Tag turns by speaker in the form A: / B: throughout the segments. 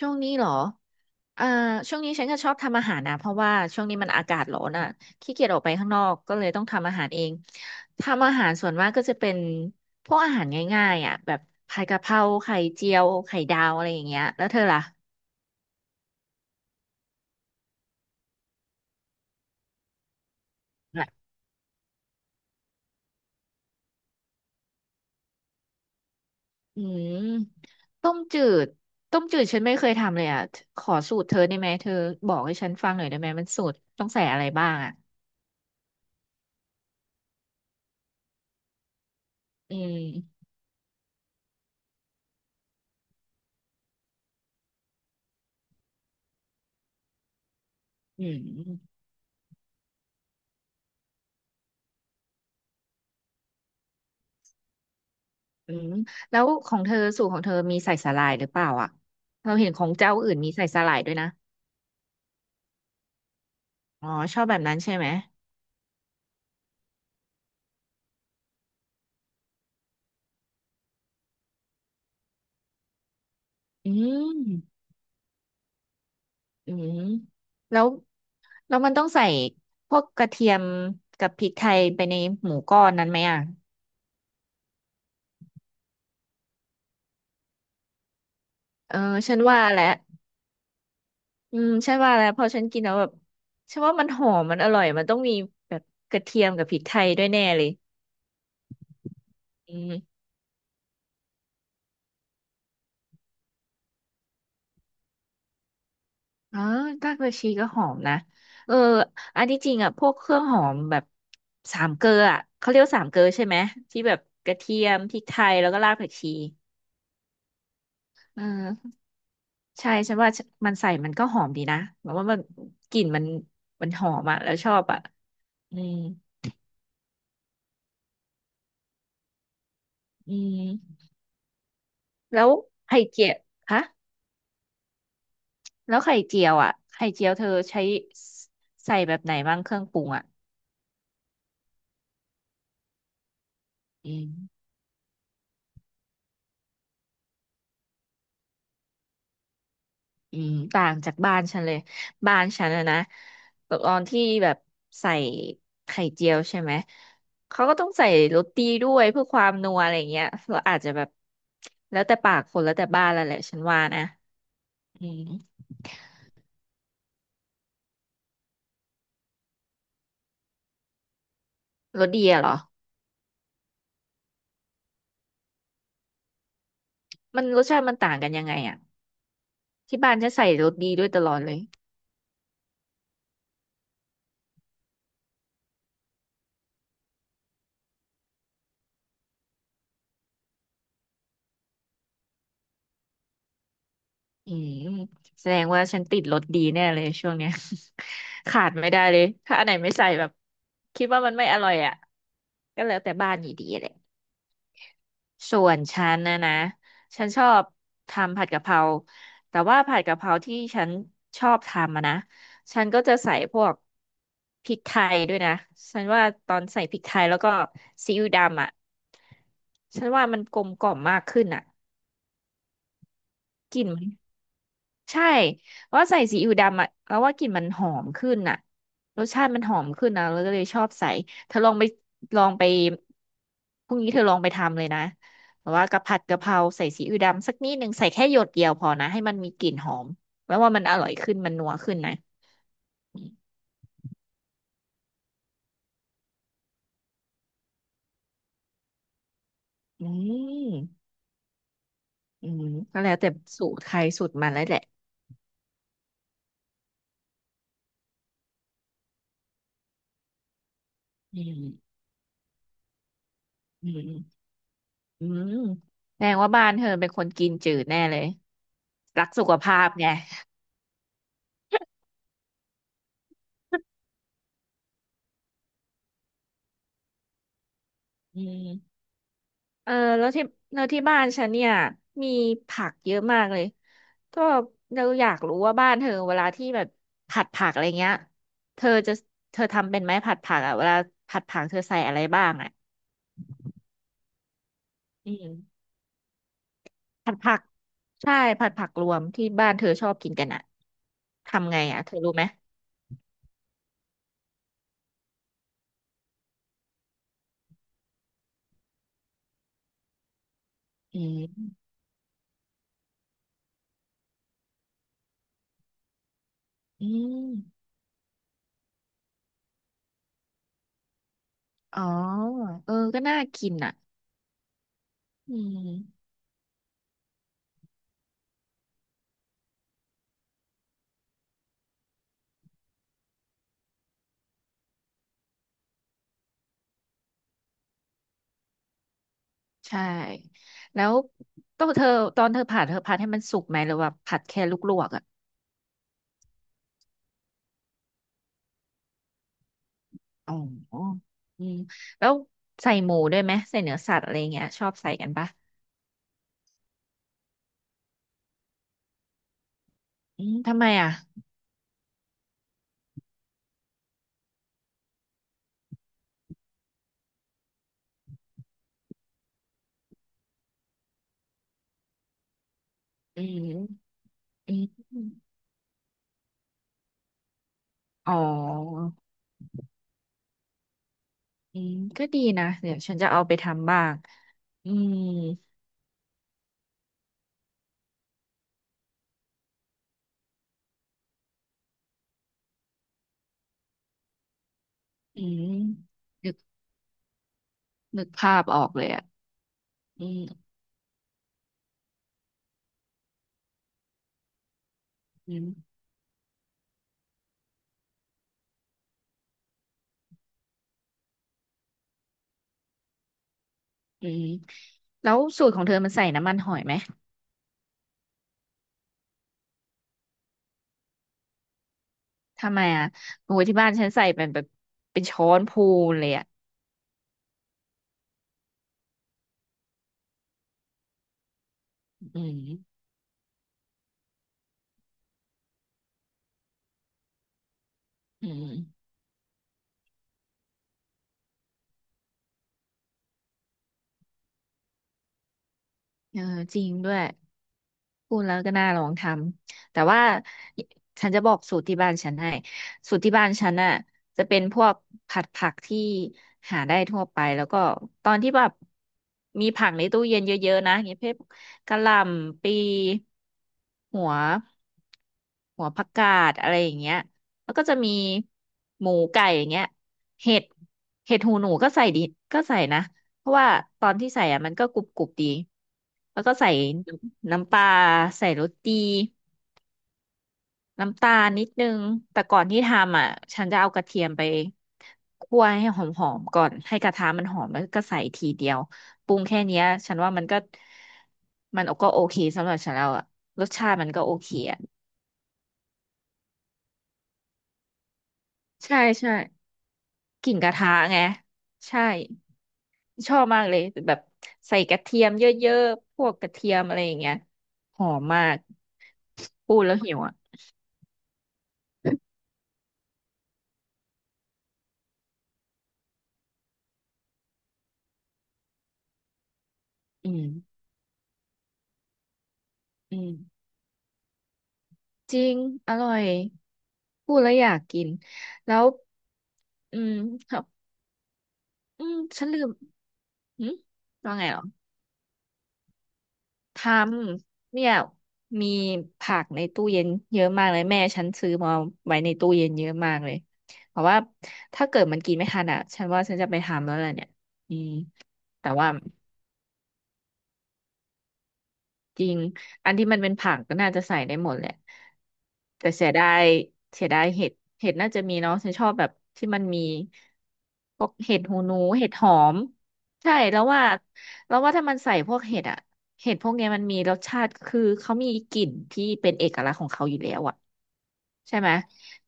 A: ช่วงนี้เหรออ่าช่วงนี้ฉันก็ชอบทำอาหารนะเพราะว่าช่วงนี้มันอากาศร้อนอ่ะขี้เกียจออกไปข้างนอก ก็เลยต้องทำอาหารเอง ทำอาหารส่วนมากก็จะเป็นพวกอาหารง่ายๆอ่ะแบบผัดกะเพราไข่เจียว ไข่ดาวอะไรอย่างเงี้ยแล้วเธอล่ะอะอืมต้มจืดต้มจืดฉันไม่เคยทำเลยอ่ะขอสูตรเธอได้ไหมเธอบอกให้ฉันฟังหน่อยได้ไหมมันสูตรต้องใส่อะไรบ้างอ่ะอืมอืม อืมแล้วของเธอสูตรของเธอมีใส่สาหร่ายหรือเปล่าอ่ะเราเห็นของเจ้าอื่นมีใส่สาหร่ายด้วยนะอ๋อชอบแบบนั้นใช่ไหมอืมอืมแล้วแล้วมันต้องใส่พวกกระเทียมกับพริกไทยไปในหมูก้อนนั้นไหมอ่ะเออฉันว่าแหละอืมฉันว่าแล้วพอฉันกินแล้วแบบฉันว่ามันหอมมันอร่อยมันต้องมีแบบกระเทียมกับพริกไทยด้วยแน่เลยอืม อ๋อรากผักชีก็หอมนะเอออันที่จริงอ่ะพวกเครื่องหอมแบบสามเกลืออ่ะเขาเรียกว่าสามเกลือใช่ไหมที่แบบกระเทียมพริกไทยแล้วก็รากผักชีเออใช่ฉันว่ามันใส่มันก็หอมดีนะแบบว่ามันกลิ่นมันมันหอมอ่ะแล้วชอบอ่ะอืมอืมแล้วไข่เจียวฮะแล้วไข่เจียวอ่ะไข่เจียวเธอใช้ใส่แบบไหนบ้างเครื่องปรุงอ่ะอืม อืมต่างจากบ้านฉันเลยบ้านฉันอะนะตอนที่แบบใส่ไข่เจียวใช่ไหมเขาก็ต้องใส่โรตีด้วยเพื่อความนัวอะไรเงี้ยเราอาจจะแบบแล้วแต่ปากคนแล้วแต่บ้านแล้วแหละฉันว่านะอืมรสดีอะเหรอมันรสชาติมันต่างกันยังไงอะที่บ้านฉันใส่รสดีด้วยตลอดเลยอืมแสดงว่าฉันติดรสดีแน่เลยช่วงเนี้ย ขาดไม่ได้เลยถ้าอันไหนไม่ใส่แบบคิดว่ามันไม่อร่อยอ่ะก็แล้วแต่บ้านอยู่ดีแหละ ส่วนฉันนะนะ ฉันชอบทำผัดกะเพราแต่ว่าผัดกะเพราที่ฉันชอบทำอะนะ ฉันก็จะใส่พวกพริกไทยด้วยนะ ฉันว่าตอนใส่พริกไทยแล้วก็ซีอิ๊วดำอะฉันว่ามันกลมกล่อมมากขึ้นอะกลิ่นมัน ใช่เพราะว่าใส่ซีอิ๊วดำอ่ะแล้วว่ากลิ่นมันหอมขึ้นอ่ะ รสชาติมันหอมขึ้นนะเราก็เลยชอบใส่เธอลองไปลองไปพรุ่งนี้เธอลองไปทำเลยนะแบบว่ากะผัดกะเพราใส่ซีอิ๊วดำสักนิดนึงใส่แค่หยดเดียวพอนะ ให้มันมีกลิ่นหอม แล้วว่ามันอร่อยขึ้น มันนัวขึ้นนะ อืมอืมก็แล้วแต่สูตรใครสูตรมันแล้วแหละอืมอืมอืมแสดงว่าบ้านเธอเป็นคนกินจืดแน่เลยรักสุขภาพไงอืม เออแล้วที่แล้วที่บ้านฉันเนี่ยมีผักเยอะมากเลยก็เราอยากรู้ว่าบ้านเธอเวลาที่แบบผัดผักอะไรเงี้ยเธอจะเธอทำเป็นไหมผัดผักอ่ะเวลาผัดผักเธอใส่อะไรบ้างอ่ะอืมผัดผักใช่ผัดผักรวมที่บ้านเธอชอบกินกันอ่ะทำไงอ่ะเธอรู้ไหมอืมอืมอ๋อเออก็น่ากินอ่ะอืมใช่แล้วต้องเธอตอนเธอผัดเธอผัดให้มันสุกไหมหรือว่าผัดแค่ลวกๆอ่ะ อ๋ออืมแล้วใส่หมูด้วยไหมใส่เนื้อสัตว์อะไรเงี้ยชอบใส่กันปะอืมทำไมอ่ะอืมอืมอ๋ออืมก็ดีนะเดี๋ยวฉันจะเอาไปทำบ้างอืมอืมนึกนึกภาพออกเลยอ่ะอืมอืมอืมแล้วสูตรของเธอมันใส่น้ำมันหอยไหมทำไมอ่ะโอ้ยที่บ้านฉันใส่เป็นแบบเป็นช้อนพูนเลยอ่ะอืมอืมเออจริงด้วย พูดแล้วก็น่าลองทำแต่ว่าฉันจะบอกสูตรที่บ้านฉันให้สูตรที่บ้านฉันน่ะจะเป็นพวกผัดผักที่หาได้ทั่วไปแล้วก็ตอนที่แบบมีผักในตู้เย็นเยอะๆนะอย่างเงี้ยพวกกะหล่ำปลีหัวหัวผักกาดอะไรอย่างเงี้ยแล้วก็จะมีหมูไก่อย่างเงี้ยเห็ดเห็ดหูหนูก็ใส่ดิก็ใส่นะ เพราะว่าตอนที่ใส่อ่ะมันก็กรุบกรุบดีแล้วก็ใส่น้ำปลาใส่รสดีน้ำตาลนิดนึงแต่ก่อนที่ทำอ่ะฉันจะเอากระเทียมไปคั่วให้หอมๆก่อนให้กระทะมันหอมแล้วก็ใส่ทีเดียวปรุงแค่เนี้ยฉันว่ามันก็มันก็โอเคสำหรับฉันแล้วอ่ะรสชาติมันก็โอเคอ่ะใช่ใช่กลิ่นกระทะไงใช่ ชอบมากเลยแบบใส่กระเทียมเยอะๆพวกกระเทียมอะไรอย่างเงี้ยหอมมากพูดแล้วหิวอ่ะอืมอืมจริงอร่อยพูดแล้วอยากกินแล้วอืมครับอืมฉันลืมหืมว่าไงเหรอทำเนี่ยมีผักในตู้เย็นเยอะมากเลยแม่ฉันซื้อมาไว้ในตู้เย็นเยอะมากเลยเพราะว่าถ้าเกิดมันกินไม่ทันอ่ะฉันว่าฉันจะไปทำแล้วแหละเนี่ยอืมแต่ว่า จริง อันที่มันเป็นผักก็น่าจะใส่ได้หมดแหละแต่เสียดายเสียดายเห็ดเห็ดน่าจะมีเนาะฉันชอบแบบที่มันมีพวกเห็ดหูหนู เห็ดหอมใช่แล้วว่าแล้วว่าถ้ามันใส่พวกเห็ดอะเห็ดพวกเนี้ยมันมีรสชาติคือเขามีกลิ่นที่เป็นเอกลักษณ์ของเขาอยู่แล้วอะใช่ไหม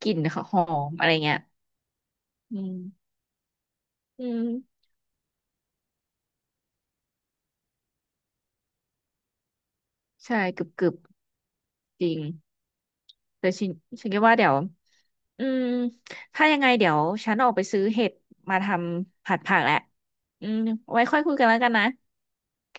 A: กลิ่นเขาหอมอะไรเงี้ยอืมอืมใช่กึบกึบจริง เดี๋ยวฉันฉันคิดว่าเดี๋ยวอืมถ้ายังไงเดี๋ยวฉันออกไปซื้อเห็ดมาทำผัดผักแหละอืมไว้ค่อยคุยกันแล้วกันนะโอเค